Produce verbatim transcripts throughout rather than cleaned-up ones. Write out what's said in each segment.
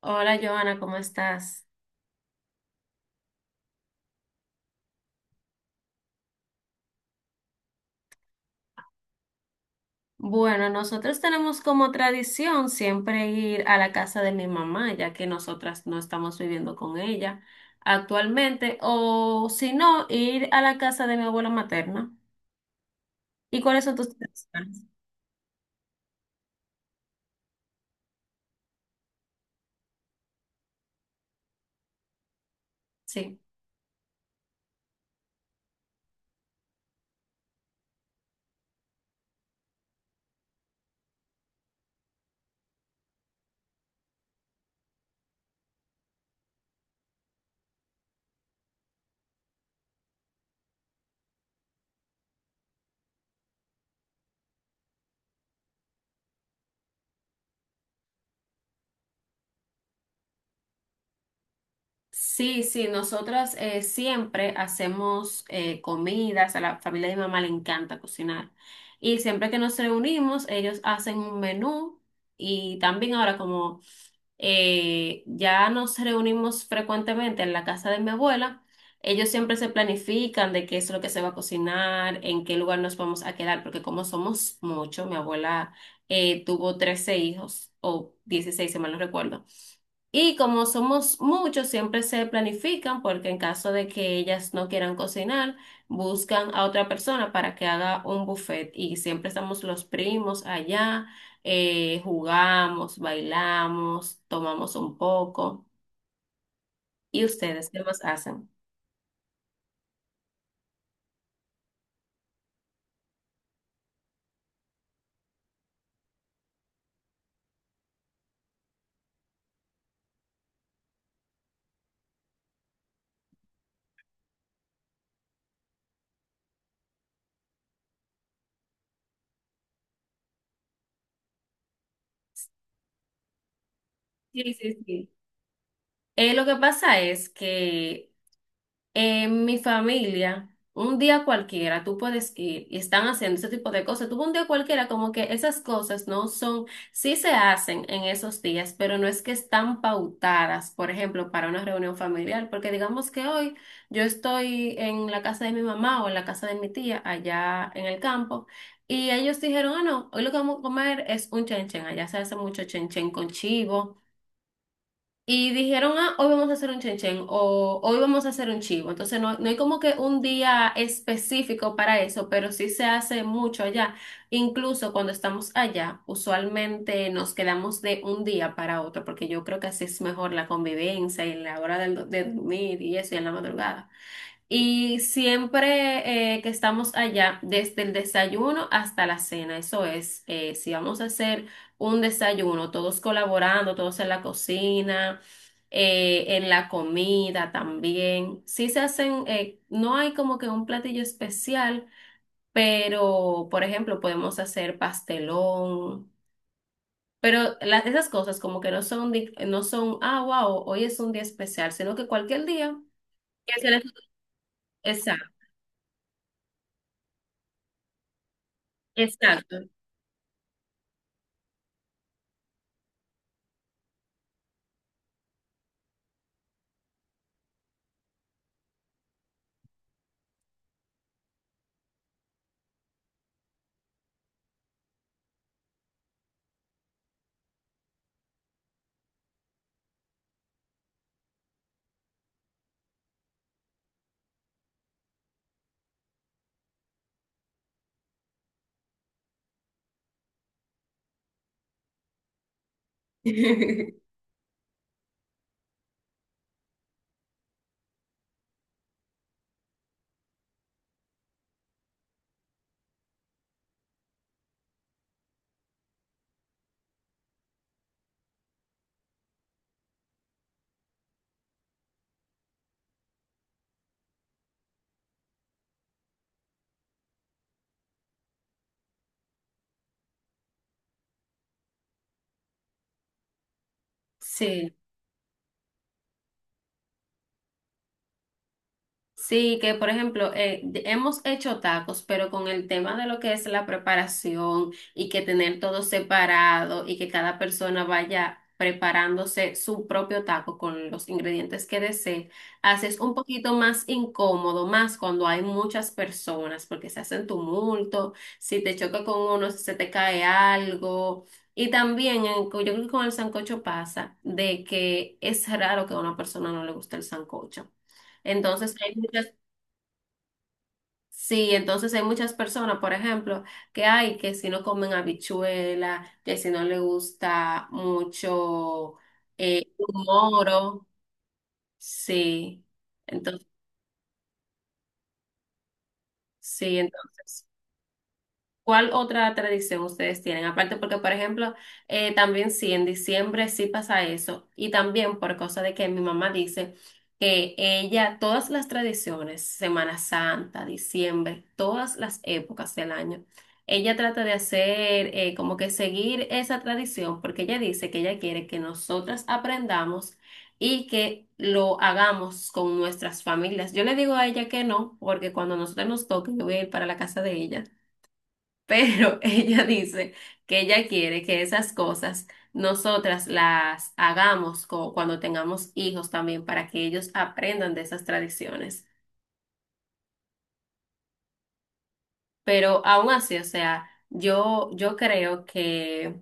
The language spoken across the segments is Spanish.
Hola Joana, ¿cómo estás? Bueno, nosotros tenemos como tradición siempre ir a la casa de mi mamá, ya que nosotras no estamos viviendo con ella actualmente, o si no, ir a la casa de mi abuela materna. ¿Y cuáles son tus tradiciones? Sí. Sí, sí, nosotras eh, siempre hacemos eh, comidas. A la familia de mi mamá le encanta cocinar y siempre que nos reunimos ellos hacen un menú, y también ahora como eh, ya nos reunimos frecuentemente en la casa de mi abuela. Ellos siempre se planifican de qué es lo que se va a cocinar, en qué lugar nos vamos a quedar, porque como somos muchos, mi abuela eh, tuvo trece hijos o dieciséis, si mal no recuerdo. Y como somos muchos, siempre se planifican, porque en caso de que ellas no quieran cocinar, buscan a otra persona para que haga un buffet. Y siempre estamos los primos allá, eh, jugamos, bailamos, tomamos un poco. ¿Y ustedes qué más hacen? Sí, sí, sí. Eh, lo que pasa es que en mi familia, un día cualquiera, tú puedes ir y están haciendo ese tipo de cosas. Tuvo un día cualquiera, como que esas cosas no son, sí se hacen en esos días, pero no es que están pautadas, por ejemplo, para una reunión familiar, porque digamos que hoy yo estoy en la casa de mi mamá o en la casa de mi tía allá en el campo. Y ellos dijeron, ah, no, hoy lo que vamos a comer es un chenchen. Allá se hace mucho chenchen con chivo y dijeron, ah, hoy vamos a hacer un chenchen o hoy vamos a hacer un chivo. Entonces no, no hay como que un día específico para eso, pero sí se hace mucho allá. Incluso cuando estamos allá, usualmente nos quedamos de un día para otro, porque yo creo que así es mejor la convivencia y la hora del- de, dormir y eso y en la madrugada. Y siempre eh, que estamos allá, desde el desayuno hasta la cena, eso es, eh, si vamos a hacer un desayuno, todos colaborando, todos en la cocina, eh, en la comida también. Sí se hacen, eh, no hay como que un platillo especial, pero por ejemplo podemos hacer pastelón. Pero las, esas cosas como que no son, di- no son, ah, wow, hoy es un día especial, sino que cualquier día. Que se les- Exacto, exacto. Sí. Sí, que por ejemplo, eh, de- hemos hecho tacos, pero con el tema de lo que es la preparación y que tener todo separado y que cada persona vaya preparándose su propio taco con los ingredientes que desee, haces un poquito más incómodo, más cuando hay muchas personas, porque se hacen tumulto, si te choca con uno, si se te cae algo. Y también, en- yo creo que con el sancocho pasa de que es raro que a una persona no le guste el sancocho. Entonces hay muchas. Sí, entonces hay muchas personas, por ejemplo, que hay que si no comen habichuela, que si no le gusta mucho eh, un moro, sí, entonces, sí, entonces. ¿Cuál otra tradición ustedes tienen? Aparte, porque, por ejemplo, eh, también sí, en diciembre sí pasa eso. Y también por cosa de que mi mamá dice que ella, todas las tradiciones, Semana Santa, diciembre, todas las épocas del año, ella trata de hacer eh, como que seguir esa tradición, porque ella dice que ella quiere que nosotras aprendamos y que lo hagamos con nuestras familias. Yo le digo a ella que no, porque cuando nosotros nos toque, yo voy a ir para la casa de ella. Pero ella dice que ella quiere que esas cosas nosotras las hagamos co- cuando tengamos hijos también para que ellos aprendan de esas tradiciones. Pero aún así, o sea, yo, yo creo que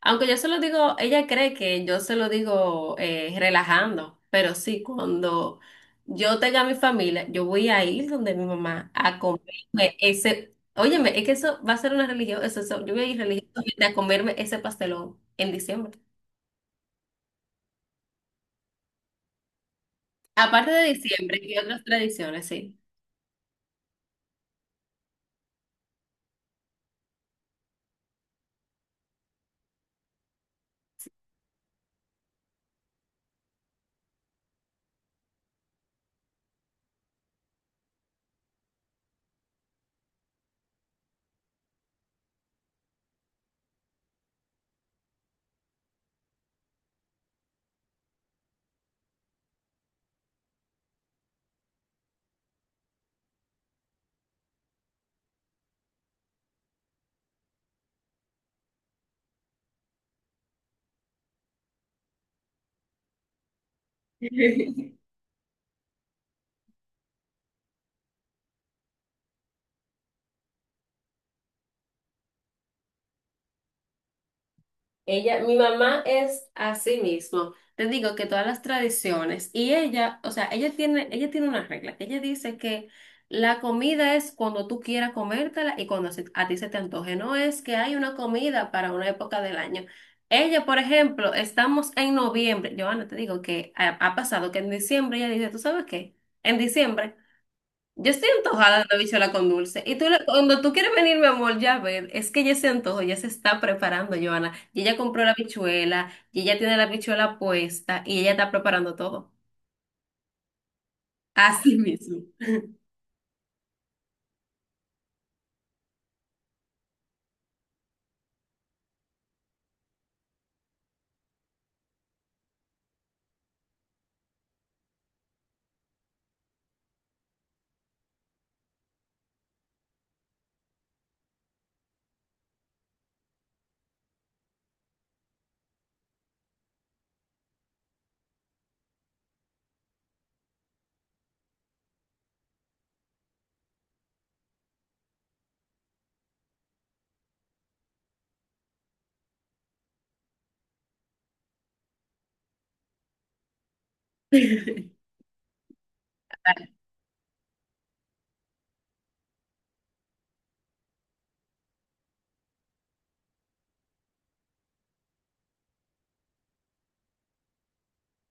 aunque yo se lo digo, ella cree que yo se lo digo eh, relajando, pero sí, cuando yo tenga mi familia, yo voy a ir donde mi mamá a comerme ese, óyeme, es que eso va a ser una religión, eso, eso, yo voy a ir religiosamente a comerme ese pastelón en diciembre. Aparte de diciembre y otras tradiciones, sí. Ella, mi mamá es así mismo. Te digo que todas las tradiciones y ella, o sea, ella tiene, ella tiene una regla. Ella dice que la comida es cuando tú quieras comértela y cuando se- a ti se te antoje. No es que hay una comida para una época del año. Ella, por ejemplo, estamos en noviembre. Joana, te digo que ha, ha pasado que en diciembre ella dice, ¿tú sabes qué? En diciembre. Yo estoy antojada de una bichola con dulce. Y tú, le- cuando tú quieres venir, mi amor, ya ver, es que ya se antojo, ya se está preparando, Joana. Y ella compró la bichuela, y ella tiene la bichuela puesta, y ella está preparando todo. Así mismo.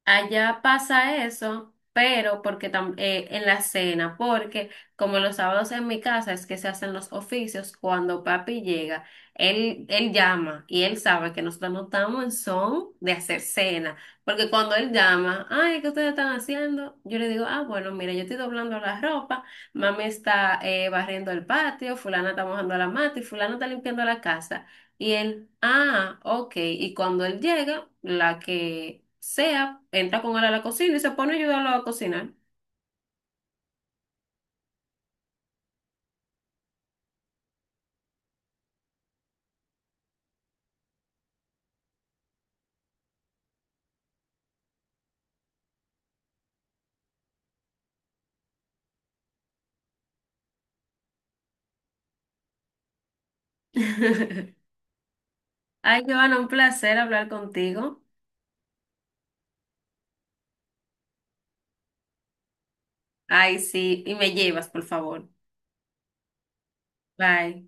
Allá pasa eso, pero porque tam- eh, en la cena, porque como los sábados en mi casa es que se hacen los oficios, cuando papi llega, él, él llama y él sabe que nosotros no estamos en son de hacer cena, porque cuando él llama, ay, ¿qué ustedes están haciendo? Yo le digo, ah, bueno, mira, yo estoy doblando la ropa, mami está eh, barriendo el patio, fulana está mojando la mata y fulana está limpiando la casa. Y él, ah, ok. Y cuando él llega, la que sea, entra con él a la cocina y se pone a ayudarlo a cocinar. Ay, Joana, un placer hablar contigo. Ay, sí, y me llevas, por favor. Bye.